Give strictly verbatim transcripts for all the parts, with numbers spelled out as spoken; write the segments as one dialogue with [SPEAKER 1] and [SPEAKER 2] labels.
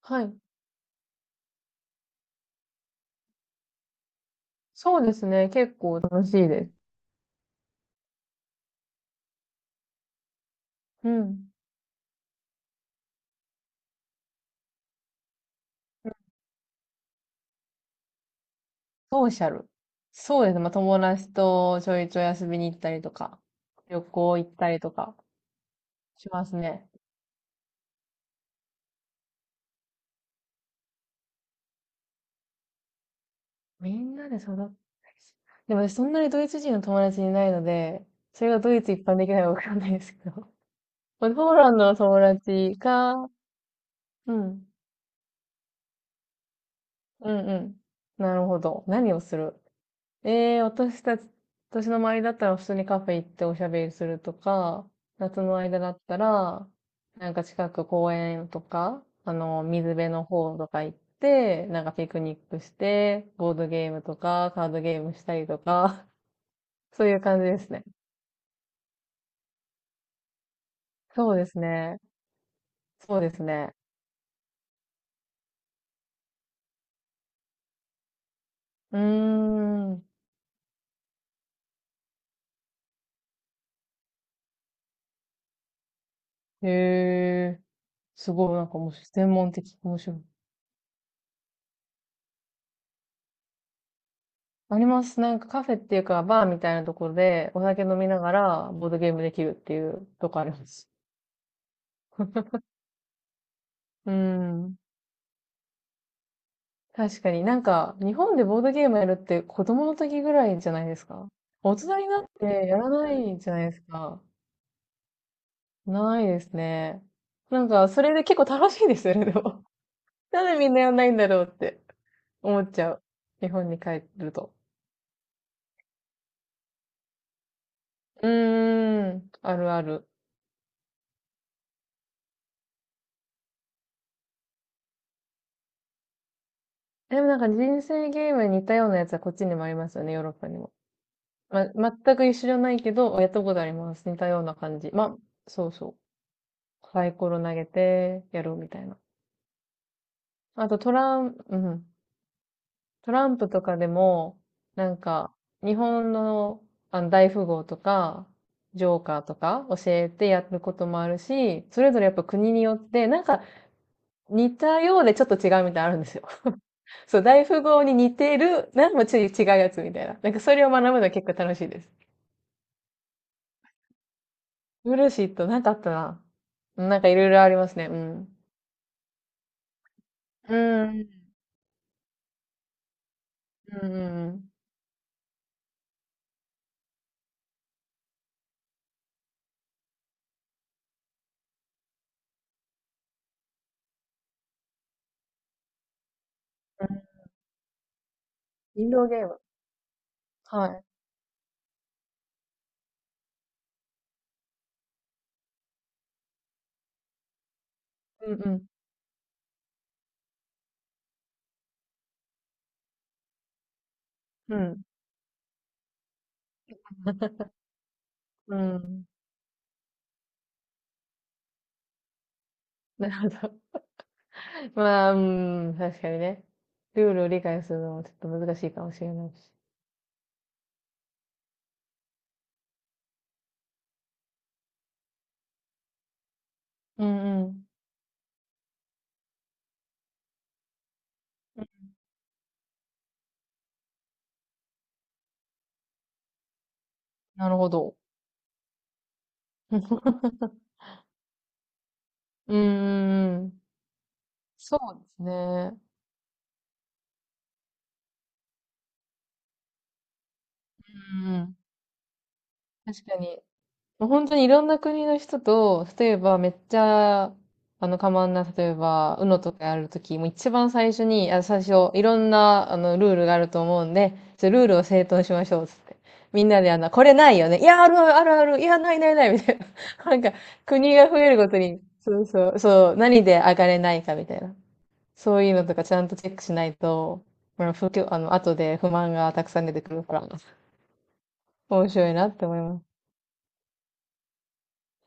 [SPEAKER 1] はい。そうですね。結構楽しいです。うん。ソーシャル。そうですね。まあ、友達とちょいちょい遊びに行ったりとか、旅行行ったりとかしますね。みんなで育っでも私そんなにドイツ人の友達いないので、それがドイツ一般的なのかわかんないですけど。まあポーランドの友達か、うん。うんうん。なるほど。何をする？ええ、私たち、私の周りだったら普通にカフェ行っておしゃべりするとか、夏の間だったら、なんか近く公園とか、あの、水辺の方とか行って、なんかピクニックして、ボードゲームとか、カードゲームしたりとか、そういう感じですね。そうですね。そうですね。うーん。へえ、すごい、なんかもう専門的、面白い。あります。なんかカフェっていうか、バーみたいなところでお酒飲みながらボードゲームできるっていうとこあります。うん。確かになんか、日本でボードゲームやるって子供の時ぐらいじゃないですか。大人になってやらないじゃないですか。ないですね。なんか、それで結構楽しいですよね、でも。なんでみんなやんないんだろうって思っちゃう。日本に帰ると。うーん。あるある。でもなんか人生ゲームに似たようなやつはこっちにもありますよね、ヨーロッパにも。ま、全く一緒じゃないけど、やったことあります。似たような感じ。まあ、そうそう。サイコロ投げてやるみたいな。あとトラン、うん。トランプとかでも、なんか、日本の、あの大富豪とか、ジョーカーとか教えてやることもあるし、それぞれやっぱ国によって、なんか似たようでちょっと違うみたいなのあるんですよ。そう、大富豪に似てる、なんかちょっと違うやつみたいな。なんかそれを学ぶのは結構楽しいです。ブルーシート、なんかあったな。なんかいろいろありますね。うん。うん。うんうんうん。インドゲーム。はい。うんうん。うん。うん。なるほど。まあ、うん、確かにね。ルールを理解するのはちょっと難しいかもしれないし。うんうん。なるほど。うんうんうん。そうですね。うんうん。確かに。もう本当にいろんな国の人と、例えばめっちゃ、あの、かまんな、例えば、ウノ とかやるとき、もう一番最初に、あ、最初、いろんな、あの、ルールがあると思うんで、ちょルールを整頓しましょう、つって。みんなで、あの、これないよね。いや、あるあるあるある。いや、ないないない、みたいな。なんか、国が増えるごとに、そうそう、そう、何で上がれないか、みたいな。そういうのとかちゃんとチェックしないと、まあ、不況、あの、後で不満がたくさん出てくるから、面白いなって思います。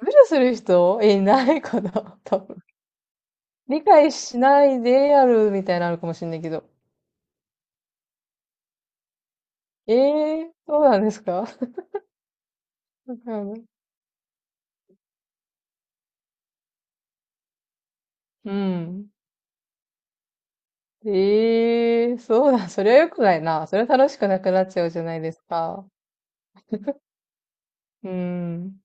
[SPEAKER 1] 無視する人いないかな、多分。理解しないでやるみたいなのあるかもしんないけど。ええー、そうなんですか？ わかんない。うん。ええー、そうだ。それは良くないな。それは楽しくなくなっちゃうじゃないですか。うん。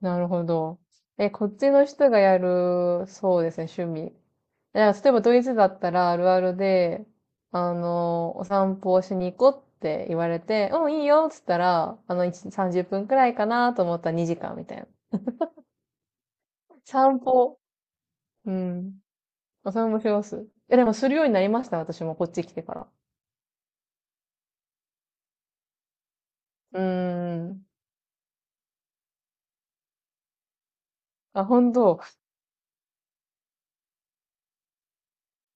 [SPEAKER 1] なるほど。え、こっちの人がやる、そうですね、趣味。いや、例えばドイツだったらあるあるで、あの、お散歩をしに行こうって言われて、うん、いいよっつったら、あの、いち、さんじゅっぷんくらいかなと思ったらにじかんみたいな。散歩、うん、お散歩します。え、でもするようになりました、私もこっち来てから。うーん。あ、本当。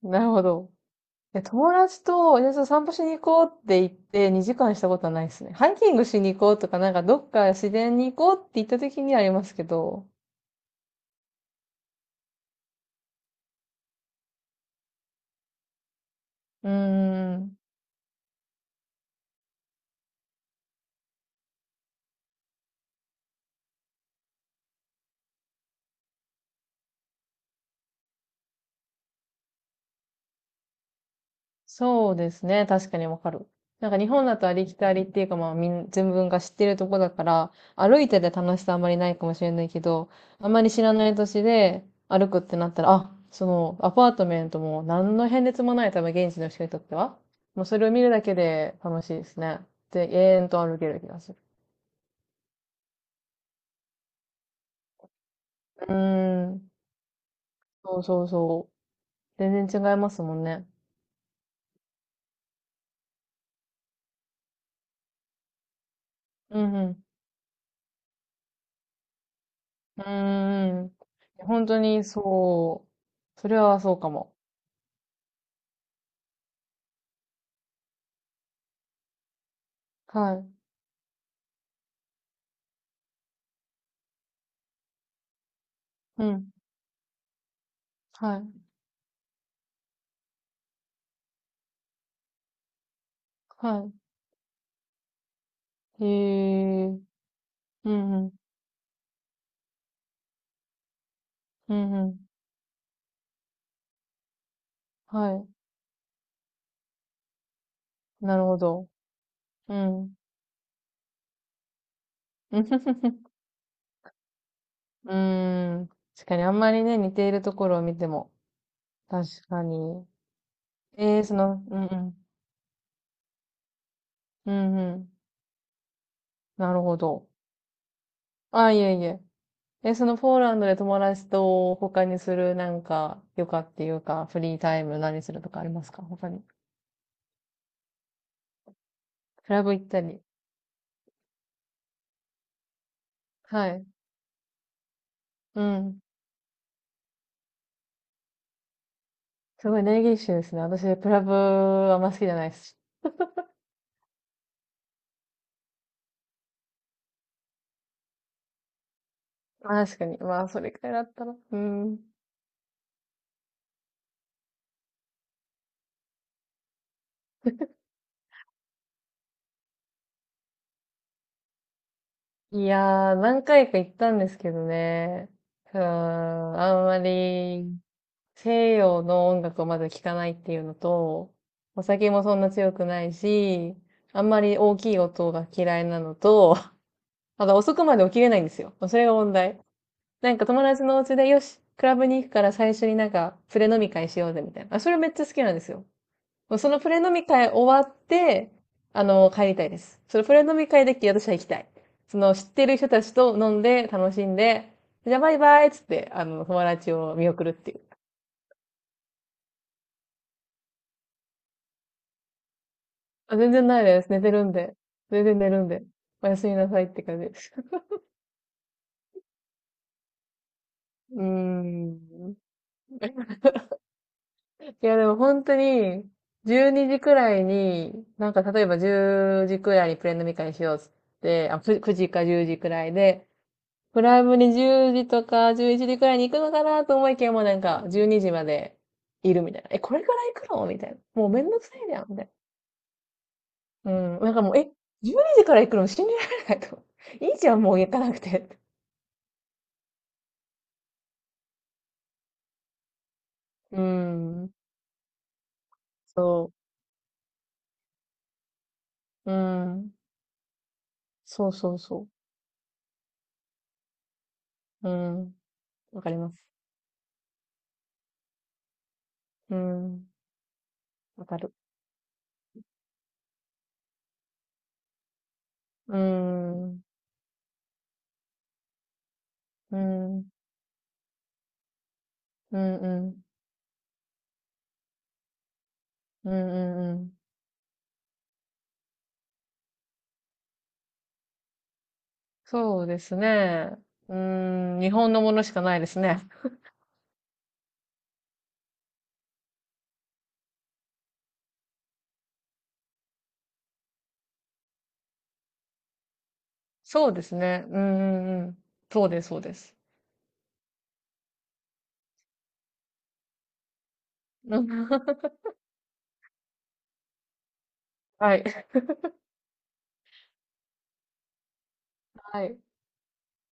[SPEAKER 1] なるほど。で友達と、じゃあちょっと散歩しに行こうって言ってにじかんしたことはないですね。ハイキングしに行こうとか、なんかどっか自然に行こうって言った時にはありますけど。うーん。そうですね。確かにわかる。なんか日本だとありきたりっていうかまあみん、全文が知ってるとこだから、歩いてて楽しさあんまりないかもしれないけど、あんまり知らない土地で歩くってなったら、あ、そのアパートメントも何の変哲もない多分現地の人にとっては。もうそれを見るだけで楽しいですね。で、永遠と歩ける気がする。うーん。そうそうそう。全然違いますもんね。うんうん。うーん。本当にそう。それはそうかも。はい。うん。はい。はい。へえ。うんうん。うんうん。はい。なるほど。うん。うーん。確かにあんまりね、似ているところを見ても。確かに。ええ、その、うんうん。うんうん。なるほど。あ、いえいえ。え、そのポーランドで友達と他にするなんか余暇っていうかフリータイム何するとかありますか、他に？クラブ行ったり。はい。うん。すごいネギッシュですね。私、クラブはあんま好きじゃないですし。確かに。まあ、それくらいだったら。うん。いやー、何回か行ったんですけどね。うーん、あんまり西洋の音楽をまず聴かないっていうのと、お酒もそんな強くないし、あんまり大きい音が嫌いなのと、あだ遅くまで起きれないんですよ。それが問題。なんか友達のお家で、よし、クラブに行くから最初になんか、プレ飲み会しようぜ、みたいな。あ、それめっちゃ好きなんですよ。もうそのプレ飲み会終わって、あの、帰りたいです。そのプレ飲み会で私は行きたい。その、知ってる人たちと飲んで、楽しんで、じゃあバイバイっつって、あの、友達を見送るっていう。あ、全然ないです。寝てるんで。全然寝るんで。おやすみなさいって感じです。うーん。いや、でも本当に、じゅうにじくらいに、なんか例えばじゅうじくらいにプレ飲み会しようっつって、あ、くじかじゅうじくらいで、クラブにじゅうじとかじゅういちじくらいに行くのかなと思いきやもうなんかじゅうにじまでいるみたいな。え、これから行くのみたいな。もうめんどくさいじゃんみたいな。うん。なんかもう、え、じゅうにじから行くの信じられないと。いいじゃん、もう行かなくて。うん。そう。うん。そうそうそう。うん。わかります。うん。わかる。うん。うん、うん、うん、うん、うんうん。そうですね。うん、日本のものしかないですね。そうですね。うん、うん、うん。そうです、そうです。うん はい。はい。